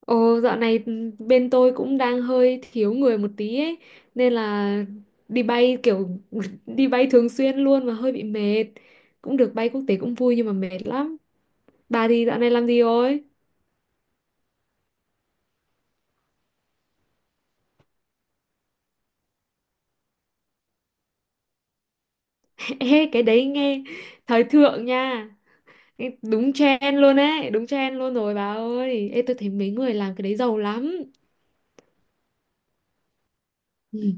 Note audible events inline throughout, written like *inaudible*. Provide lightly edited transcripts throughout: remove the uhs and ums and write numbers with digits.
Ồ, dạo này bên tôi cũng đang hơi thiếu người một tí ấy, nên là đi bay kiểu *laughs* đi bay thường xuyên luôn mà hơi bị mệt. Cũng được bay quốc tế cũng vui nhưng mà mệt lắm. Bà thì dạo này làm gì rồi? *laughs* Ê, cái đấy nghe thời thượng nha. Cái đúng trend luôn ấy, đúng trend luôn rồi bà ơi. Ê, tôi thấy mấy người làm cái đấy giàu lắm. Ừ.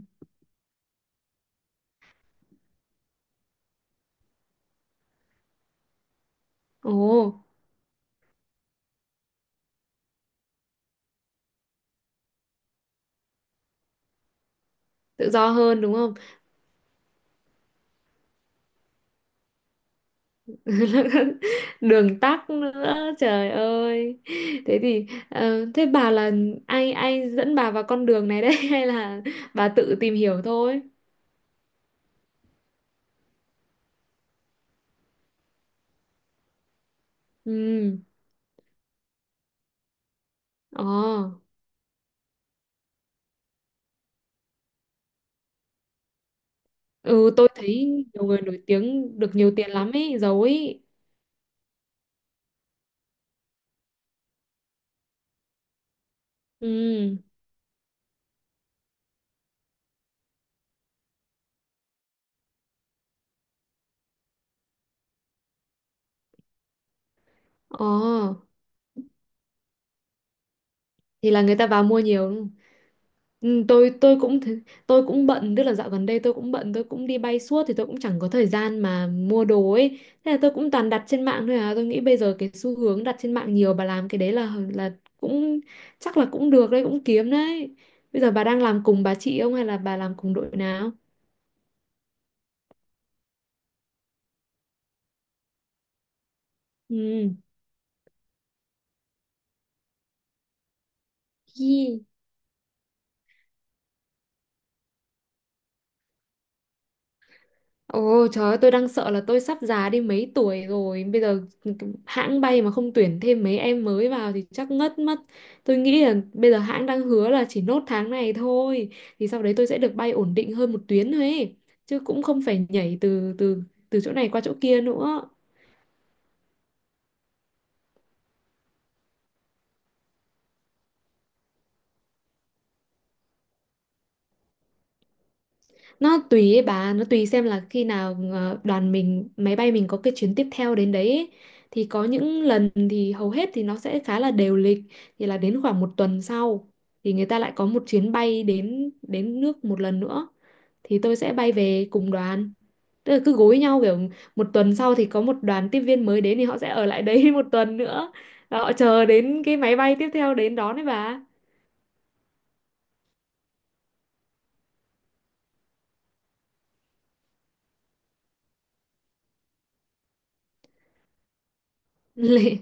Ồ, tự do hơn đúng không? *laughs* Đường tắc nữa, trời ơi. Thế thì thế bà là ai ai dẫn bà vào con đường này đấy, *laughs* hay là bà tự tìm hiểu thôi? Ừ. Ờ. Ừ, tôi thấy nhiều người nổi tiếng được nhiều tiền lắm ấy, giàu ấy. Ừ. Ờ. Thì là người ta vào mua nhiều. Ừ, tôi cũng tôi cũng bận, tức là dạo gần đây tôi cũng bận, tôi cũng đi bay suốt thì tôi cũng chẳng có thời gian mà mua đồ ấy. Thế là tôi cũng toàn đặt trên mạng thôi. À, tôi nghĩ bây giờ cái xu hướng đặt trên mạng nhiều, bà làm cái đấy là cũng, chắc là cũng được đấy, cũng kiếm đấy. Bây giờ bà đang làm cùng bà chị không hay là bà làm cùng đội nào? Ừ. Hi. Ồ trời ơi, tôi đang sợ là tôi sắp già đi mấy tuổi rồi. Bây giờ hãng bay mà không tuyển thêm mấy em mới vào thì chắc ngất mất. Tôi nghĩ là bây giờ hãng đang hứa là chỉ nốt tháng này thôi. Thì sau đấy tôi sẽ được bay ổn định hơn một tuyến thôi ấy. Chứ cũng không phải nhảy từ từ từ chỗ này qua chỗ kia nữa. Nó tùy ấy bà, nó tùy xem là khi nào đoàn mình, máy bay mình có cái chuyến tiếp theo đến đấy ấy. Thì có những lần thì hầu hết thì nó sẽ khá là đều lịch, thì là đến khoảng một tuần sau thì người ta lại có một chuyến bay đến đến nước một lần nữa, thì tôi sẽ bay về cùng đoàn. Tức là cứ gối nhau kiểu một tuần sau thì có một đoàn tiếp viên mới đến thì họ sẽ ở lại đấy *laughs* một tuần nữa. Và họ chờ đến cái máy bay tiếp theo đến đón đấy bà. *laughs* Lệ-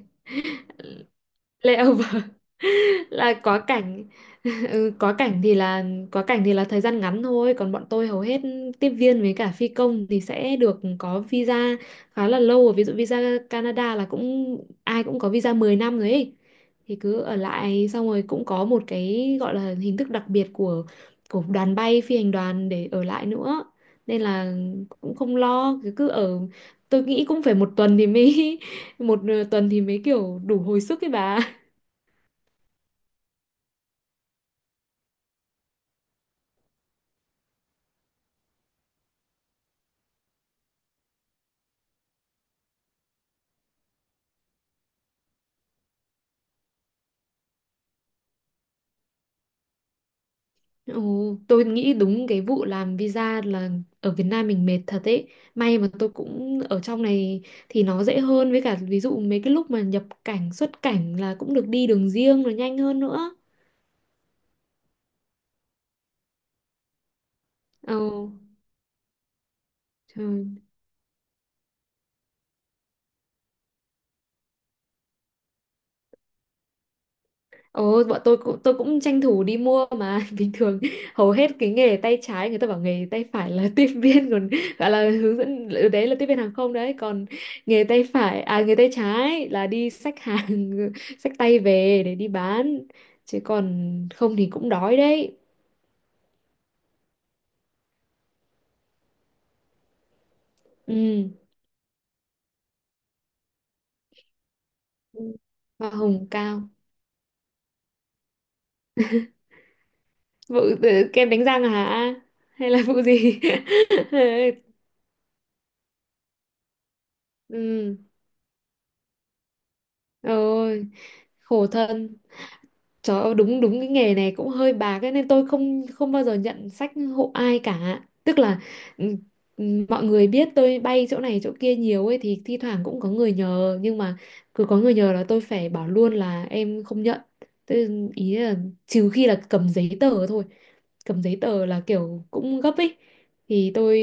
Layover *laughs* là quá cảnh. *laughs* Ừ, quá cảnh thì là thời gian ngắn thôi. Còn bọn tôi hầu hết tiếp viên với cả phi công thì sẽ được có visa khá là lâu rồi. Ví dụ visa Canada là cũng ai cũng có visa 10 năm rồi ấy, thì cứ ở lại, xong rồi cũng có một cái gọi là hình thức đặc biệt của đoàn bay, phi hành đoàn để ở lại nữa. Nên là cũng không lo, cứ cứ ở. Tôi nghĩ cũng phải một tuần thì mới *laughs* một tuần thì mới kiểu đủ hồi sức ấy bà. Ồ, tôi nghĩ đúng cái vụ làm visa là ở Việt Nam mình mệt thật ấy. May mà tôi cũng ở trong này thì nó dễ hơn, với cả ví dụ mấy cái lúc mà nhập cảnh xuất cảnh là cũng được đi đường riêng, là nhanh hơn nữa. Ồ, trời. Ồ, bọn tôi cũng tranh thủ đi mua mà. *laughs* Bình thường hầu hết cái nghề tay trái người ta bảo, nghề tay phải là *laughs* tiếp viên, còn gọi là hướng dẫn, ừ, đấy là tiếp viên hàng không đấy. Còn nghề tay phải à nghề tay trái là đi xách hàng, *laughs* xách tay về để đi bán, chứ còn không thì cũng đói đấy. Ừ. Ừ. Hoa hồng cao. Vụ, ừ, kem đánh răng à hả, hay là vụ gì? *laughs* Ừ. Ôi khổ thân. Trời ơi, đúng, đúng cái nghề này cũng hơi bạc cái nên tôi không không bao giờ nhận sách hộ ai cả. Tức là, ừ, ừ, mọi người biết tôi bay chỗ này chỗ kia nhiều ấy thì thi thoảng cũng có người nhờ, nhưng mà cứ có người nhờ là tôi phải bảo luôn là em không nhận. Tôi ý là trừ khi là cầm giấy tờ thôi. Cầm giấy tờ là kiểu cũng gấp ấy. Thì tôi,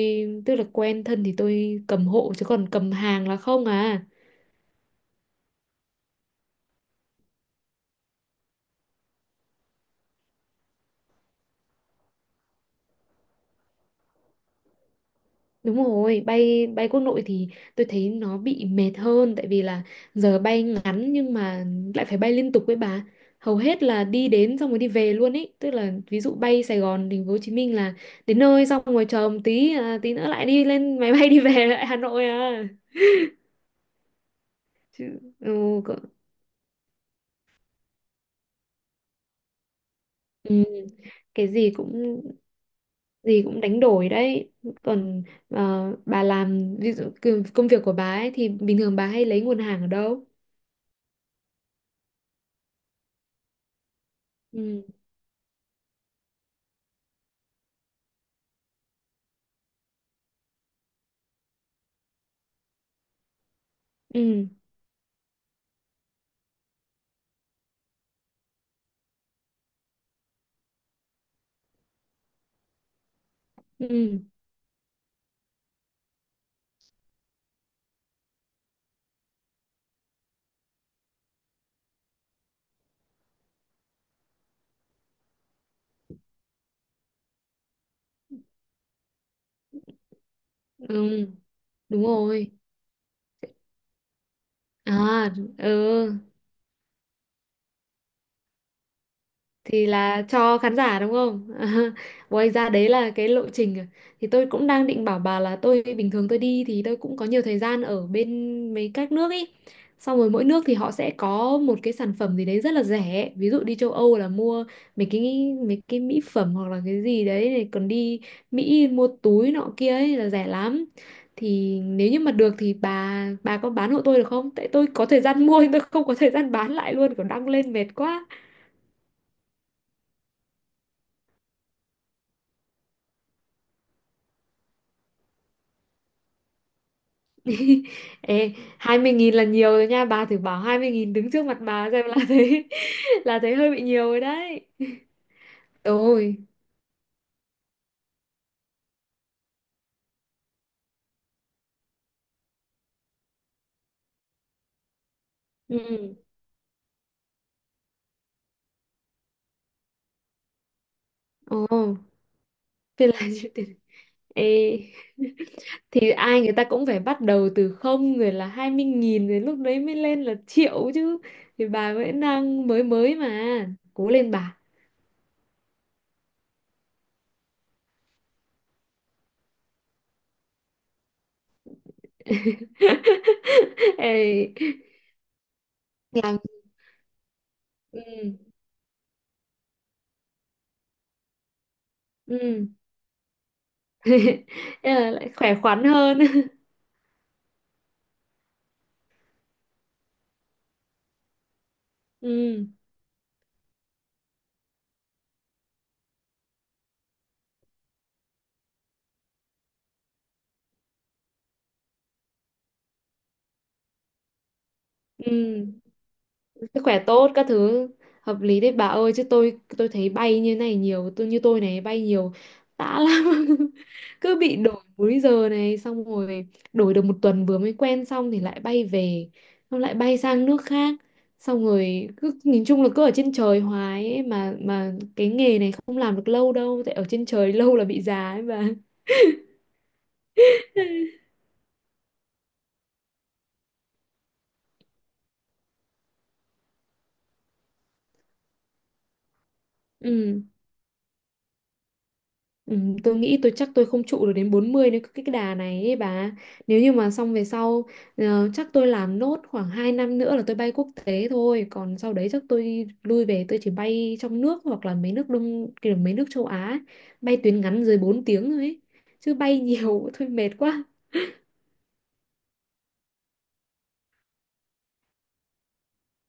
tức là quen thân thì tôi cầm hộ, chứ còn cầm hàng là không à. Đúng rồi, bay, bay quốc nội thì tôi thấy nó bị mệt hơn, tại vì là giờ bay ngắn nhưng mà lại phải bay liên tục với bà. Hầu hết là đi đến xong rồi đi về luôn ấy, tức là ví dụ bay Sài Gòn, thành phố Hồ Chí Minh là đến nơi xong rồi chờ một tí à, tí nữa lại đi lên *laughs* máy bay đi về lại Hà Nội à. Chứ, ừ, cỡ- ừ, cái gì cũng đánh đổi đấy. Còn ờ, bà làm ví dụ công công việc của bà ấy thì bình thường bà hay lấy nguồn hàng ở đâu? Ừ. Ừ. Ừ. Ừ, đúng rồi. À, ừ, thì là cho khán giả đúng không? *laughs* Ngoài ra đấy là cái lộ trình à. Thì tôi cũng đang định bảo bà là tôi bình thường tôi đi thì tôi cũng có nhiều thời gian ở bên mấy các nước ấy. Xong rồi mỗi nước thì họ sẽ có một cái sản phẩm gì đấy rất là rẻ. Ví dụ đi châu Âu là mua mấy cái mỹ phẩm hoặc là cái gì đấy này, còn đi Mỹ mua túi nọ kia ấy là rẻ lắm. Thì nếu như mà được thì bà có bán hộ tôi được không? Tại tôi có thời gian mua nhưng tôi không có thời gian bán lại luôn, kiểu đăng lên mệt quá. *laughs* Ê, 20.000 là nhiều rồi nha bà, thử bảo 20.000 đứng trước mặt bà xem là thấy *laughs* là thấy hơi bị nhiều rồi đấy. Ôi. Ừ. Ồ. Thế là *laughs* chịu tiền. Ê, thì ai người ta cũng phải bắt đầu từ không rồi là 20.000 rồi lúc đấy mới lên là triệu chứ. Thì bà vẫn đang mới mới mà, cố lên bà. *laughs* Ê, làm. Ừ. Ừ. *laughs* Thế là lại khỏe khoắn hơn. *laughs* Ừ. Ừ, sức khỏe tốt các thứ, hợp lý đấy bà ơi. Chứ tôi thấy bay như này nhiều, tôi như tôi này bay nhiều tã lắm. *laughs* Cứ bị đổi múi giờ này xong rồi đổi được một tuần vừa mới quen xong thì lại bay về, xong lại bay sang nước khác, xong rồi cứ nhìn chung là cứ ở trên trời hoài ấy, mà cái nghề này không làm được lâu đâu, tại ở trên trời *laughs* lâu là bị già ấy bà. Ừ. Ừ, tôi nghĩ tôi chắc tôi không trụ được đến 40 nếu cái đà này ấy bà. Nếu như mà xong về sau, ờ, chắc tôi làm nốt khoảng 2 năm nữa là tôi bay quốc tế thôi, còn sau đấy chắc tôi lui về tôi chỉ bay trong nước hoặc là mấy nước đông kiểu mấy nước châu Á ấy. Bay tuyến ngắn dưới 4 tiếng thôi ấy. Chứ bay nhiều *laughs* thôi mệt quá.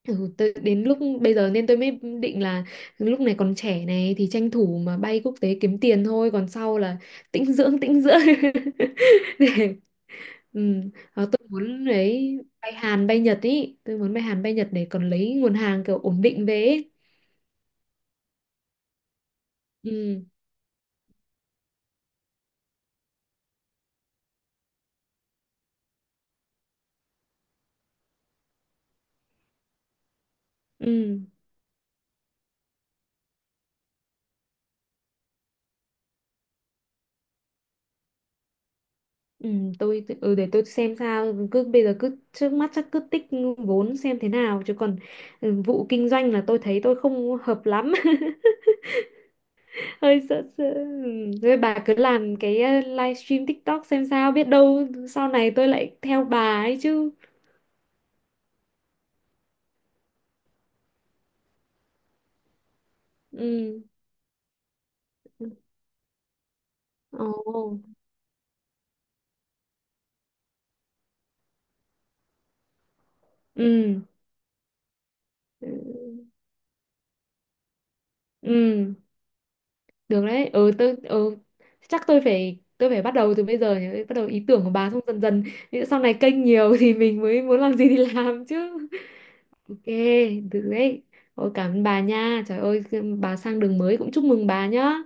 Ừ, tôi, đến lúc bây giờ nên tôi mới định là lúc này còn trẻ này thì tranh thủ mà bay quốc tế kiếm tiền thôi, còn sau là tĩnh dưỡng *laughs* để. Ừ. Ờ, tôi muốn đấy, bay Hàn bay Nhật, ý tôi muốn bay Hàn bay Nhật để còn lấy nguồn hàng kiểu ổn định về ý. Ừ. Ừ. Ừ, tôi, ừ, để tôi xem sao, cứ bây giờ cứ trước mắt chắc cứ tích vốn xem thế nào, chứ còn ừ, vụ kinh doanh là tôi thấy tôi không hợp lắm. *laughs* Hơi sợ sợ, ừ. Thôi bà cứ làm cái ờ, livestream TikTok xem sao, biết đâu sau này tôi lại theo bà ấy chứ. Ừ. Ồ. Ừ. Ừ. Ừ. Được đấy, ừ, tôi, ừ, chắc tôi phải bắt đầu từ bây giờ nhỉ, bắt đầu ý tưởng của bà xong dần dần. Ví sau này kênh nhiều *laughs* thì mình mới muốn làm gì thì làm chứ. OK. Được đấy. Ôi cảm ơn bà nha, trời ơi, bà sang đường mới cũng chúc mừng bà nhá.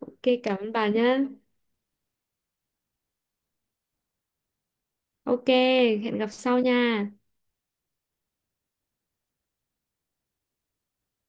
OK cảm ơn bà nhá. OK, hẹn gặp sau nha.